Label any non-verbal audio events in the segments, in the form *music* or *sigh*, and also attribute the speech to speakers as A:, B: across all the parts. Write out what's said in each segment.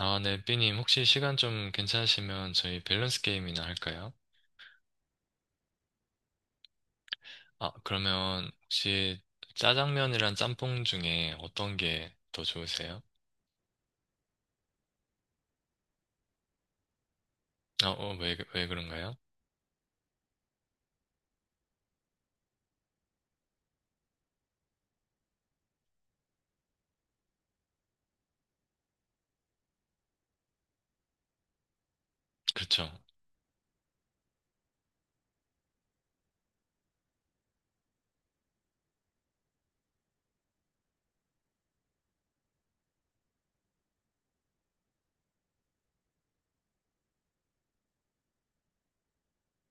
A: 아, 네, 삐님, 혹시 시간 좀 괜찮으시면 저희 밸런스 게임이나 할까요? 아, 그러면 혹시 짜장면이랑 짬뽕 중에 어떤 게 더 좋으세요? 아, 어, 왜 그런가요? 그렇죠.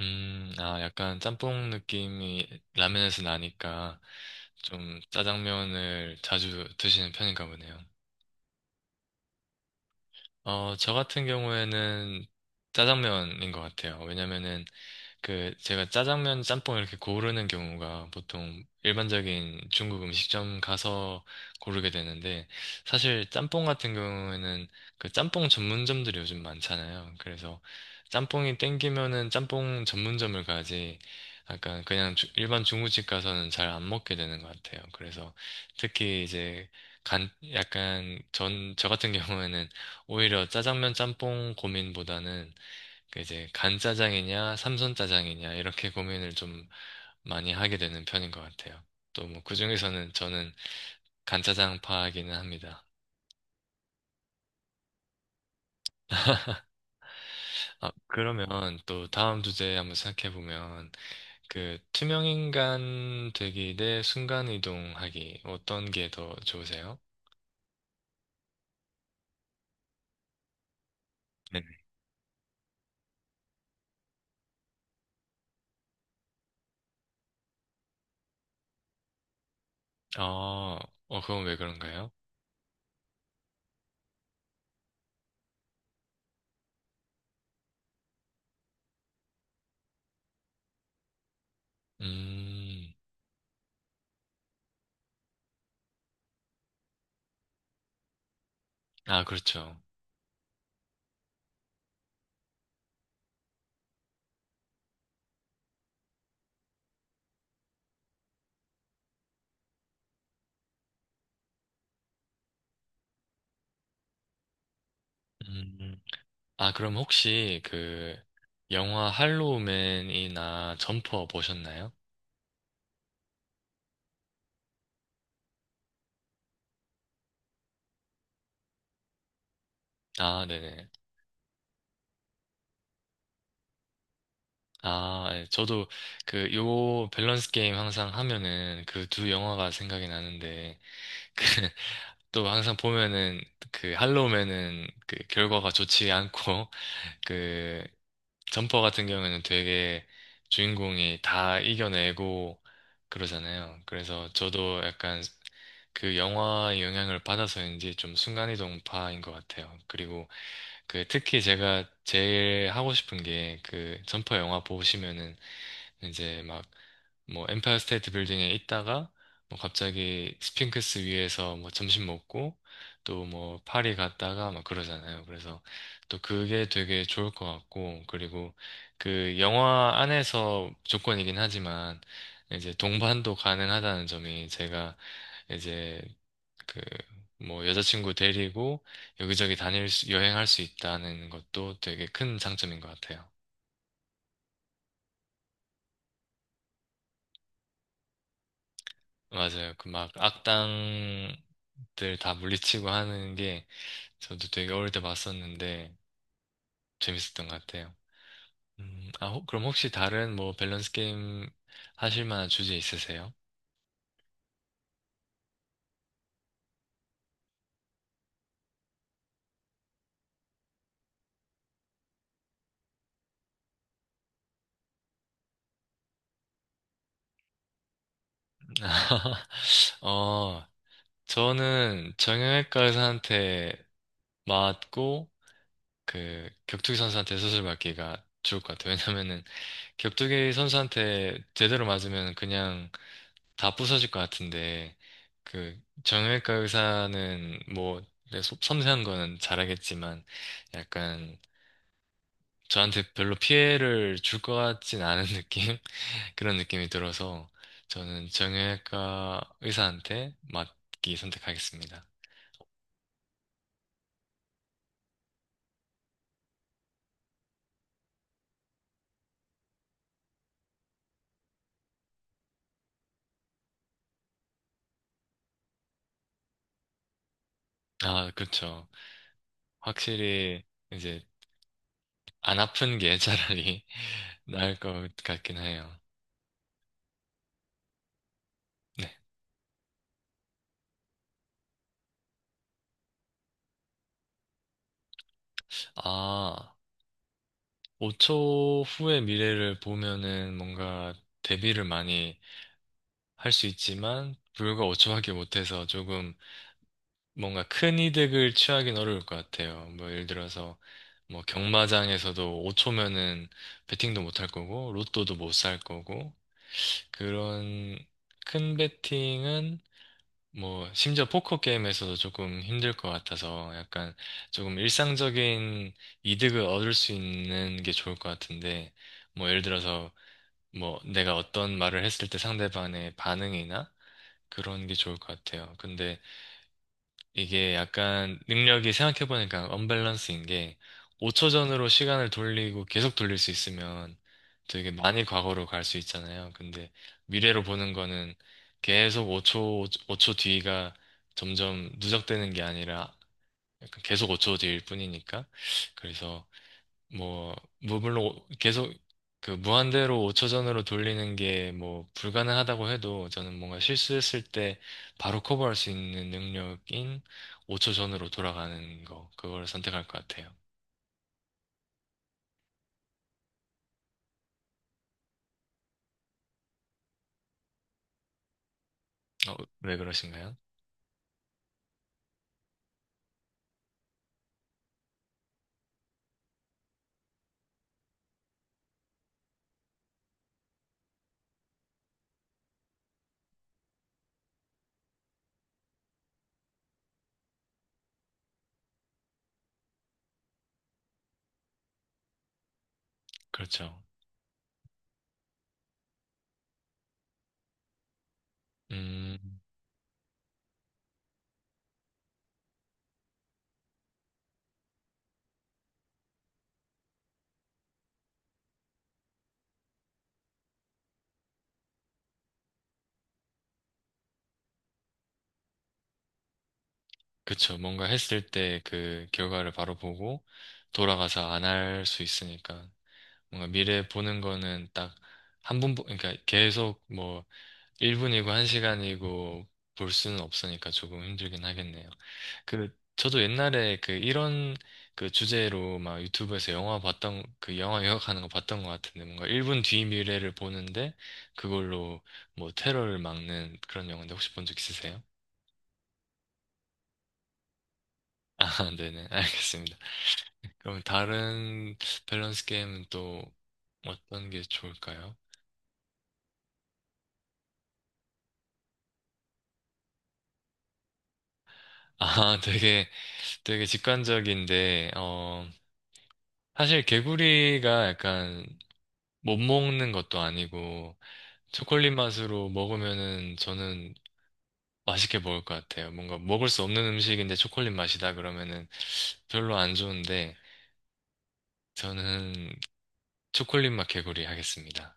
A: 아, 약간 짬뽕 느낌이 라면에서 나니까 좀 짜장면을 자주 드시는 편인가 보네요. 어, 저 같은 경우에는 짜장면인 것 같아요. 왜냐면은 그 제가 짜장면, 짬뽕 이렇게 고르는 경우가 보통 일반적인 중국 음식점 가서 고르게 되는데, 사실 짬뽕 같은 경우에는 그 짬뽕 전문점들이 요즘 많잖아요. 그래서 짬뽕이 땡기면은 짬뽕 전문점을 가지, 약간 그냥 일반 중국집 가서는 잘 안 먹게 되는 것 같아요. 그래서 특히 이제 간 약간 전 저 같은 경우에는 오히려 짜장면 짬뽕 고민보다는 그 이제 간짜장이냐, 삼선짜장이냐, 이렇게 고민을 좀 많이 하게 되는 편인 것 같아요. 또 뭐 그중에서는 저는 간짜장파이기는 합니다. *laughs* 아, 그러면 또 다음 주제에 한번 생각해 보면 그 투명인간 되기 대 순간이동하기 어떤 게 더 좋으세요? 네. 어, 어, 그건 왜 그런가요? 음, 아, 그렇죠. 음. 아, 그럼 혹시 그 영화 할로우맨이나 점퍼 보셨나요? 아, 네네. 아, 예, 저도 그 요 밸런스 게임 항상 하면은 그 두 영화가 생각이 나는데, 또 항상 보면은 그 할로우맨은 그 결과가 좋지 않고 *laughs* 그 점퍼 같은 경우에는 되게 주인공이 다 이겨내고 그러잖아요. 그래서 저도 약간 그 영화의 영향을 받아서인지 좀 순간이동파인 것 같아요. 그리고 그 특히 제가 제일 하고 싶은 게, 그 점퍼 영화 보시면은 이제 막 뭐 엠파이어 스테이트 빌딩에 있다가 뭐 갑자기 스핑크스 위에서 뭐 점심 먹고 또 뭐 파리 갔다가 막 그러잖아요. 그래서 또 그게 되게 좋을 것 같고, 그리고 그 영화 안에서 조건이긴 하지만 이제 동반도 가능하다는 점이, 제가 이제 그 뭐 여자친구 데리고 여기저기 다닐 수, 여행할 수 있다는 것도 되게 큰 장점인 것 같아요. 맞아요. 그 막 악당 들 다 물리치고 하는 게, 저도 되게 어릴 때 봤었는데 재밌었던 것 같아요. 아, 그럼 혹시 다른 뭐 밸런스 게임 하실 만한 주제 있으세요? *laughs* 어, 저는 정형외과 의사한테 맞고 그 격투기 선수한테 수술 받기가 좋을 것 같아요. 왜냐면은 격투기 선수한테 제대로 맞으면 그냥 다 부서질 것 같은데, 그, 정형외과 의사는 뭐, 네, 소- 섬세한 거는 잘하겠지만, 약간, 저한테 별로 피해를 줄 것 같진 않은 *laughs* 느낌? 그런 느낌이 들어서, 저는 정형외과 의사한테 맡기 선택하겠습니다. 아, 그렇죠. 확실히, 이제, 안 아픈 게 차라리 *laughs* 나을 것 같긴 해요. 네. 아. 5초 후의 미래를 보면은 뭔가 대비를 많이 할 수 있지만, 불과 5초밖에 못해서 조금 뭔가 큰 이득을 취하기는 어려울 것 같아요. 뭐 예를 들어서 뭐 경마장에서도 5초면은 베팅도 못할 거고 로또도 못 살 거고, 그런 큰 베팅은 뭐 심지어 포커 게임에서도 조금 힘들 것 같아서, 약간 조금 일상적인 이득을 얻을 수 있는 게 좋을 것 같은데, 뭐 예를 들어서 뭐 내가 어떤 말을 했을 때 상대방의 반응이나 그런 게 좋을 것 같아요. 근데 이게 약간 능력이 생각해보니까 언밸런스인 게, 5초 전으로 시간을 돌리고 계속 돌릴 수 있으면 되게 많이 과거로 갈 수 있잖아요. 근데 미래로 보는 거는 계속 5초, 5초 뒤가 점점 누적되는 게 아니라 약간 계속 5초 뒤일 뿐이니까. 그래서 뭐, 뭐 물론 계속 그 무한대로 5초 전으로 돌리는 게 뭐 불가능하다고 해도, 저는 뭔가 실수했을 때 바로 커버할 수 있는 능력인 5초 전으로 돌아가는 거, 그걸 선택할 것 같아요. 어, 왜 그러신가요? 그렇죠. 음, 그쵸. 뭔가 했을 때 그 결과를 바로 보고 돌아가서 안 할 수 있으니까. 뭔가 미래 보는 거는 딱 한 번, 그러니까 계속 뭐 1분이고 1시간이고 볼 수는 없으니까 조금 힘들긴 하겠네요. 그 저도 옛날에 그 이런 그 주제로 막 유튜브에서 영화 봤던, 그 영화 요약하는 거 봤던 것 같은데, 뭔가 1분 뒤 미래를 보는데 그걸로 뭐 테러를 막는 그런 영화인데 혹시 본 적 있으세요? *laughs* 아, 네네. 알겠습니다. 그럼 다른 밸런스 게임은 또 어떤 게 좋을까요? 아, *laughs* 되게, 되게 직관적인데, 어, 사실 개구리가 약간 못 먹는 것도 아니고, 초콜릿 맛으로 먹으면은 저는 맛있게 먹을 것 같아요. 뭔가 먹을 수 없는 음식인데 초콜릿 맛이다 그러면은 별로 안 좋은데, 저는 초콜릿 맛 개구리 하겠습니다.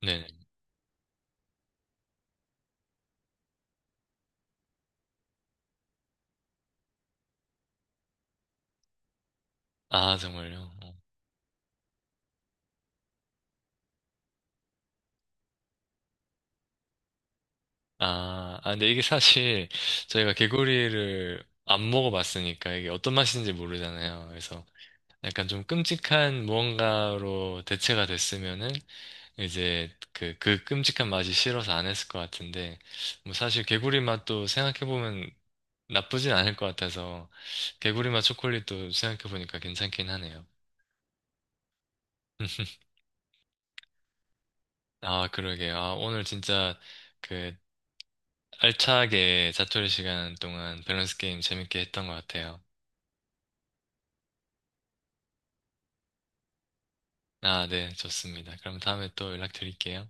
A: 네. 아, 정말요? 어. 아, 근데 이게 사실 저희가 개구리를 안 먹어봤으니까 이게 어떤 맛인지 모르잖아요. 그래서 약간 좀 끔찍한 무언가로 대체가 됐으면은 이제 그, 그 끔찍한 맛이 싫어서 안 했을 것 같은데, 뭐 사실 개구리 맛도 생각해보면 나쁘진 않을 것 같아서, 개구리 맛 초콜릿도 생각해보니까 괜찮긴 하네요. *laughs* 아, 그러게요. 아, 오늘 진짜 그 알차게 자투리 시간 동안 밸런스 게임 재밌게 했던 것 같아요. 아, 네, 좋습니다. 그럼 다음에 또 연락드릴게요.